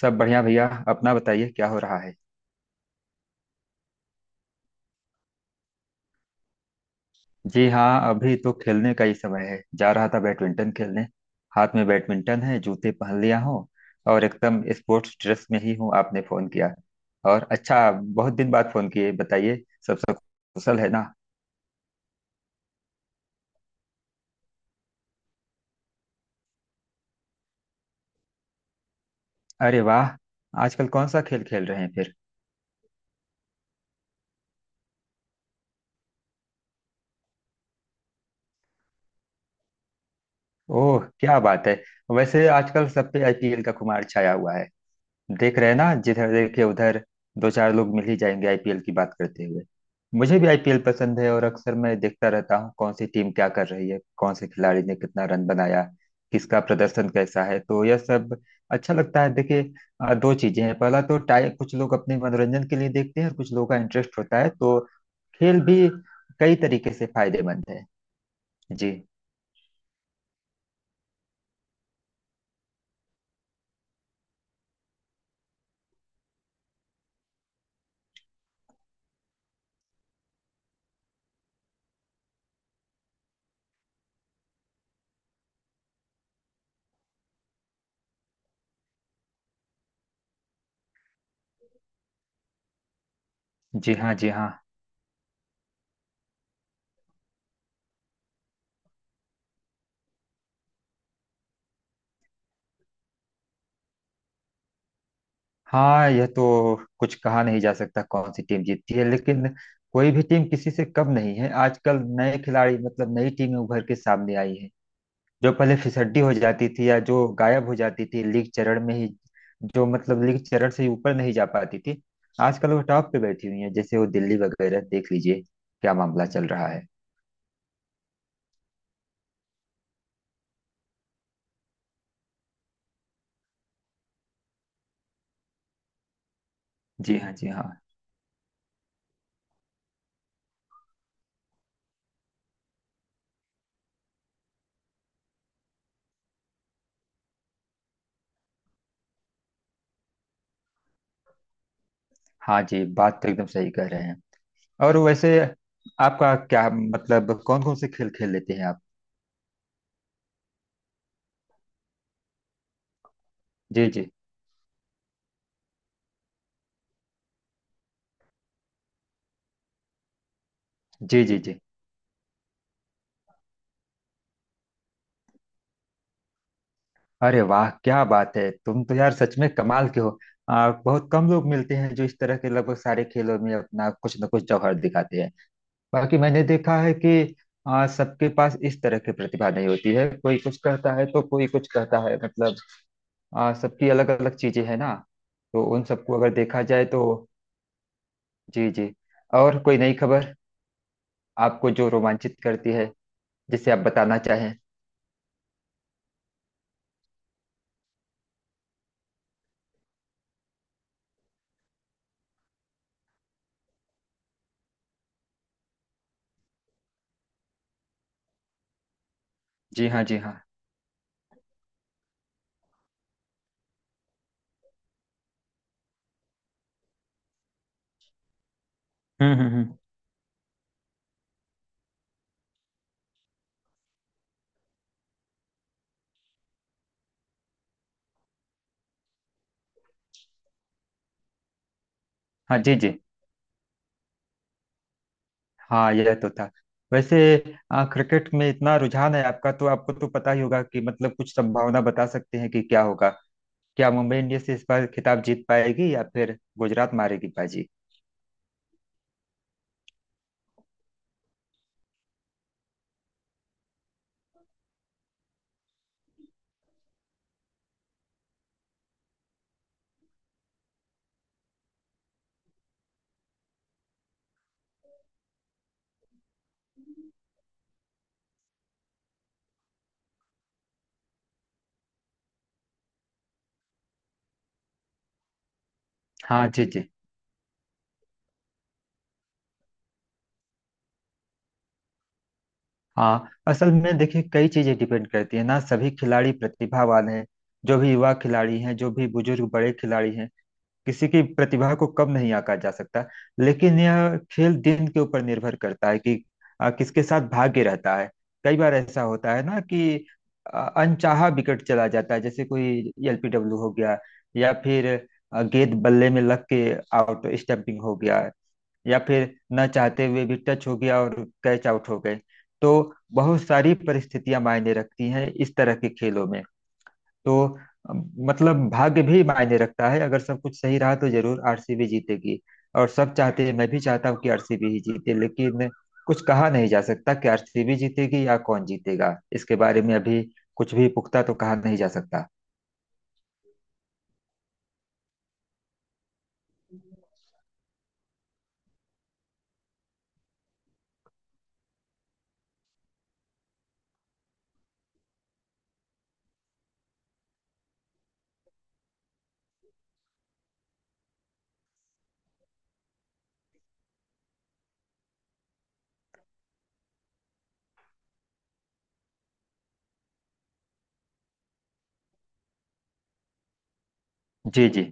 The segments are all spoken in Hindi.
सब बढ़िया भैया। अपना बताइए, क्या हो रहा है। जी हाँ, अभी तो खेलने का ही समय है। जा रहा था बैडमिंटन खेलने। हाथ में बैडमिंटन है, जूते पहन लिया हूँ और एकदम स्पोर्ट्स ड्रेस में ही हूँ, आपने फोन किया। और अच्छा, बहुत दिन बाद फोन किए, बताइए। सब सब कुशल है ना। अरे वाह। आजकल कौन सा खेल खेल रहे हैं फिर। ओह क्या बात है। वैसे आजकल सब पे आईपीएल का खुमार छाया हुआ है। देख रहे हैं ना, जिधर देखे उधर दो चार लोग मिल ही जाएंगे आईपीएल की बात करते हुए। मुझे भी आईपीएल पसंद है और अक्सर मैं देखता रहता हूँ कौन सी टीम क्या कर रही है, कौन से खिलाड़ी ने कितना रन बनाया, किसका प्रदर्शन कैसा है। तो यह सब अच्छा लगता है। देखिए, दो चीजें हैं। पहला तो टाइम, कुछ लोग अपने मनोरंजन के लिए देखते हैं और कुछ लोगों का इंटरेस्ट होता है। तो खेल भी कई तरीके से फायदेमंद है। जी। जी हाँ, जी हाँ। हाँ, यह तो कुछ कहा नहीं जा सकता कौन सी टीम जीतती है, लेकिन कोई भी टीम किसी से कम नहीं है। आजकल नए खिलाड़ी, मतलब नई टीमें उभर के सामने आई हैं, जो पहले फिसड्डी हो जाती थी या जो गायब हो जाती थी लीग चरण में ही, जो मतलब लीग चरण से ही ऊपर नहीं जा पाती थी, आजकल वो टॉप पे बैठी हुई है। जैसे वो दिल्ली वगैरह देख लीजिए, क्या मामला चल रहा है। जी हाँ, जी हाँ। हाँ जी, बात तो एकदम सही कह रहे हैं। और वैसे, आपका क्या मतलब, कौन कौन से खेल खेल लेते हैं आप। जी जी। जी जी जी। अरे वाह क्या बात है, तुम तो यार सच में कमाल के हो। बहुत कम लोग मिलते हैं जो इस तरह के लगभग सारे खेलों में अपना कुछ न कुछ जौहर दिखाते हैं। बाकी मैंने देखा है कि सबके पास इस तरह की प्रतिभा नहीं होती है। कोई कुछ कहता है तो कोई कुछ कहता है, मतलब सबकी अलग अलग चीजें हैं ना। तो उन सबको अगर देखा जाए तो। जी जी। और कोई नई खबर आपको जो रोमांचित करती है, जिसे आप बताना चाहें। जी हाँ, जी हाँ। हम्म। हाँ जी जी। हाँ यह तो था। वैसे, क्रिकेट में इतना रुझान है आपका तो आपको तो पता ही होगा कि, मतलब कुछ संभावना बता सकते हैं कि क्या होगा। क्या मुंबई इंडियंस इस बार खिताब जीत पाएगी या फिर गुजरात मारेगी बाजी। हाँ जी जी। हाँ असल में देखिए, कई चीजें डिपेंड करती है ना। सभी खिलाड़ी प्रतिभावान हैं, जो भी युवा खिलाड़ी हैं जो भी बुजुर्ग बड़े खिलाड़ी हैं, किसी की प्रतिभा को कब नहीं आंका जा सकता। लेकिन यह खेल दिन के ऊपर निर्भर करता है कि किसके साथ भाग्य रहता है। कई बार ऐसा होता है ना कि अनचाहा विकेट चला जाता है, जैसे कोई एलपीडब्ल्यू हो गया, या फिर गेंद बल्ले में लग के आउट स्टंपिंग हो गया, या फिर न चाहते हुए भी टच हो गया और कैच आउट हो गए। तो बहुत सारी परिस्थितियां मायने रखती हैं इस तरह के खेलों में। तो मतलब भाग्य भी मायने रखता है। अगर सब कुछ सही रहा तो जरूर आरसीबी जीतेगी, और सब चाहते हैं, मैं भी चाहता हूँ कि आरसीबी ही जीते, लेकिन कुछ कहा नहीं जा सकता कि आरसीबी जीतेगी या कौन जीतेगा, इसके बारे में अभी कुछ भी पुख्ता तो कहा नहीं जा सकता। जी जी।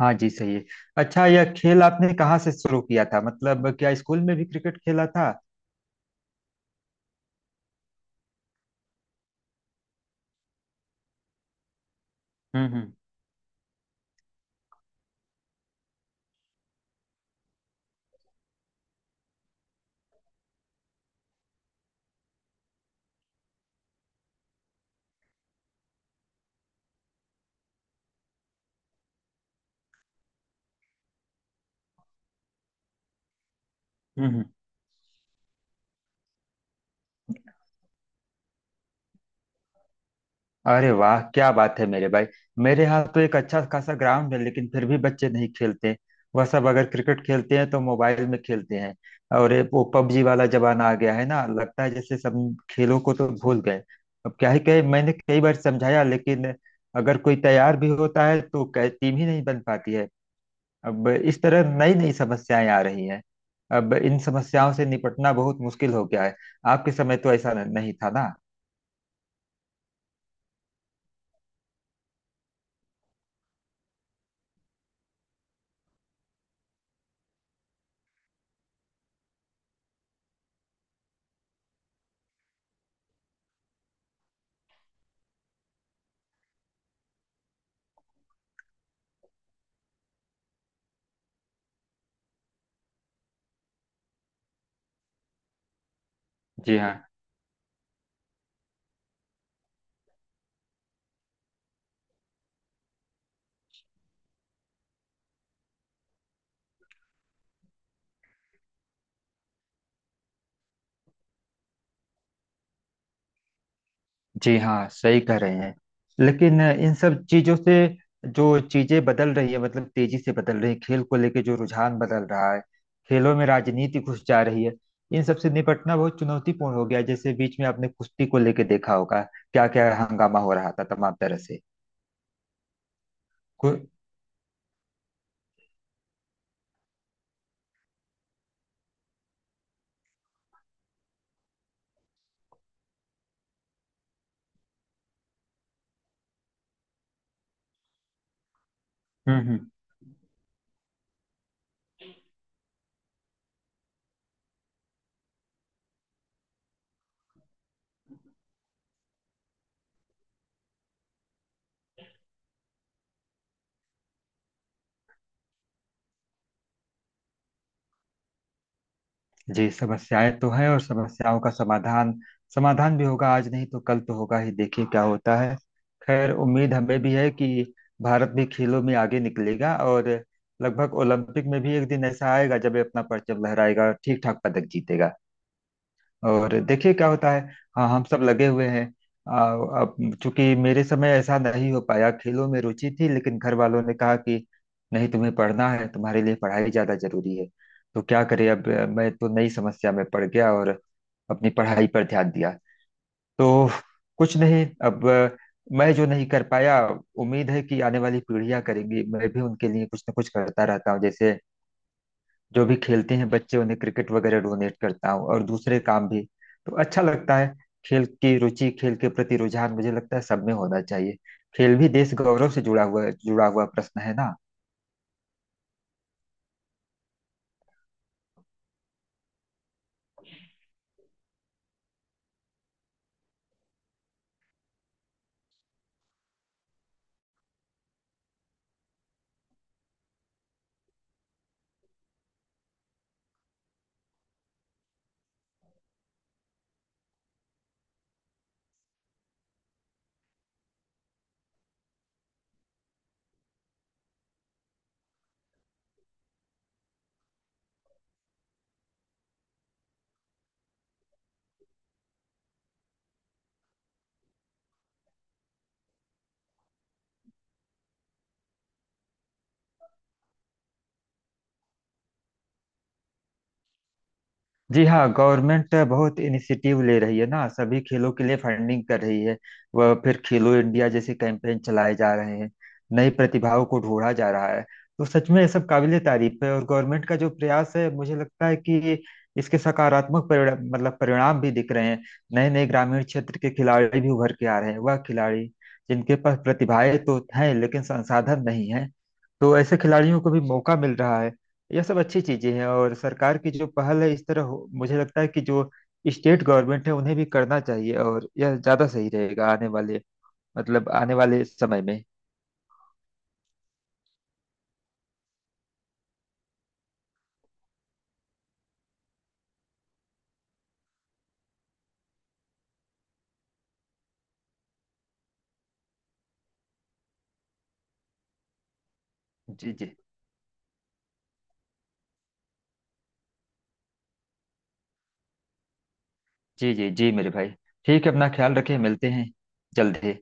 हाँ जी सही है। अच्छा, यह खेल आपने कहाँ से शुरू किया था? मतलब क्या स्कूल में भी क्रिकेट खेला था? हम्म हम्म हम्म। अरे वाह क्या बात है मेरे भाई। मेरे यहाँ तो एक अच्छा खासा ग्राउंड है लेकिन फिर भी बच्चे नहीं खेलते। वह सब अगर क्रिकेट खेलते हैं तो मोबाइल में खेलते हैं। और ये वो पबजी वाला जमाना आ गया है ना, लगता है जैसे सब खेलों को तो भूल गए। अब क्या ही कहे, मैंने कई बार समझाया लेकिन अगर कोई तैयार भी होता है तो टीम ही नहीं बन पाती है। अब इस तरह नई नई समस्याएं आ रही हैं। अब इन समस्याओं से निपटना बहुत मुश्किल हो गया है। आपके समय तो ऐसा नहीं था ना। जी जी हाँ सही कह रहे हैं। लेकिन इन सब चीजों से जो चीजें बदल रही है, मतलब तेजी से बदल रही है, खेल को लेके जो रुझान बदल रहा है, खेलों में राजनीति घुस जा रही है, इन सब से निपटना बहुत चुनौतीपूर्ण हो गया है। जैसे बीच में आपने कुश्ती को लेके देखा होगा क्या क्या हंगामा हो रहा था तमाम तरह से। कु- हम्म। जी समस्याएं तो हैं, और समस्याओं का समाधान समाधान भी होगा। आज नहीं तो कल तो होगा ही, देखिए क्या होता है। खैर उम्मीद हमें भी है कि भारत भी खेलों में आगे निकलेगा और लगभग ओलंपिक में भी एक दिन ऐसा आएगा जब ये अपना परचम लहराएगा और ठीक ठाक पदक जीतेगा। और देखिए क्या होता है। हाँ हम सब लगे हुए हैं। आ, अब, चूंकि मेरे समय ऐसा नहीं हो पाया, खेलों में रुचि थी लेकिन घर वालों ने कहा कि नहीं, तुम्हें पढ़ना है, तुम्हारे लिए पढ़ाई ज्यादा जरूरी है। तो क्या करें, अब मैं तो नई समस्या में पड़ गया और अपनी पढ़ाई पर ध्यान दिया। तो कुछ नहीं, अब मैं जो नहीं कर पाया, उम्मीद है कि आने वाली पीढ़ियां करेंगी। मैं भी उनके लिए कुछ ना कुछ करता रहता हूँ, जैसे जो भी खेलते हैं बच्चे उन्हें क्रिकेट वगैरह डोनेट करता हूँ और दूसरे काम भी। तो अच्छा लगता है। खेल की रुचि, खेल के प्रति रुझान मुझे लगता है सब में होना चाहिए। खेल भी देश गौरव से जुड़ा हुआ प्रश्न है ना। जी हाँ, गवर्नमेंट बहुत इनिशिएटिव ले रही है ना, सभी खेलों के लिए फंडिंग कर रही है। वह फिर खेलो इंडिया जैसे कैंपेन चलाए जा रहे हैं, नई प्रतिभाओं को ढूंढा जा रहा है। तो सच में ये सब काबिले तारीफ है, और गवर्नमेंट का जो प्रयास है मुझे लगता है कि इसके सकारात्मक परिणा मतलब परिणाम भी दिख रहे हैं। नए नए ग्रामीण क्षेत्र के खिलाड़ी भी उभर के आ रहे हैं, वह खिलाड़ी जिनके पास प्रतिभाएं तो हैं लेकिन संसाधन नहीं है। तो ऐसे खिलाड़ियों को भी मौका मिल रहा है। यह सब अच्छी चीजें हैं, और सरकार की जो पहल है इस तरह मुझे लगता है कि जो स्टेट गवर्नमेंट है उन्हें भी करना चाहिए, और यह ज्यादा सही रहेगा आने वाले, आने वाले समय में। जी जी। जी जी जी मेरे भाई। ठीक है, अपना ख्याल रखें, मिलते हैं जल्दी।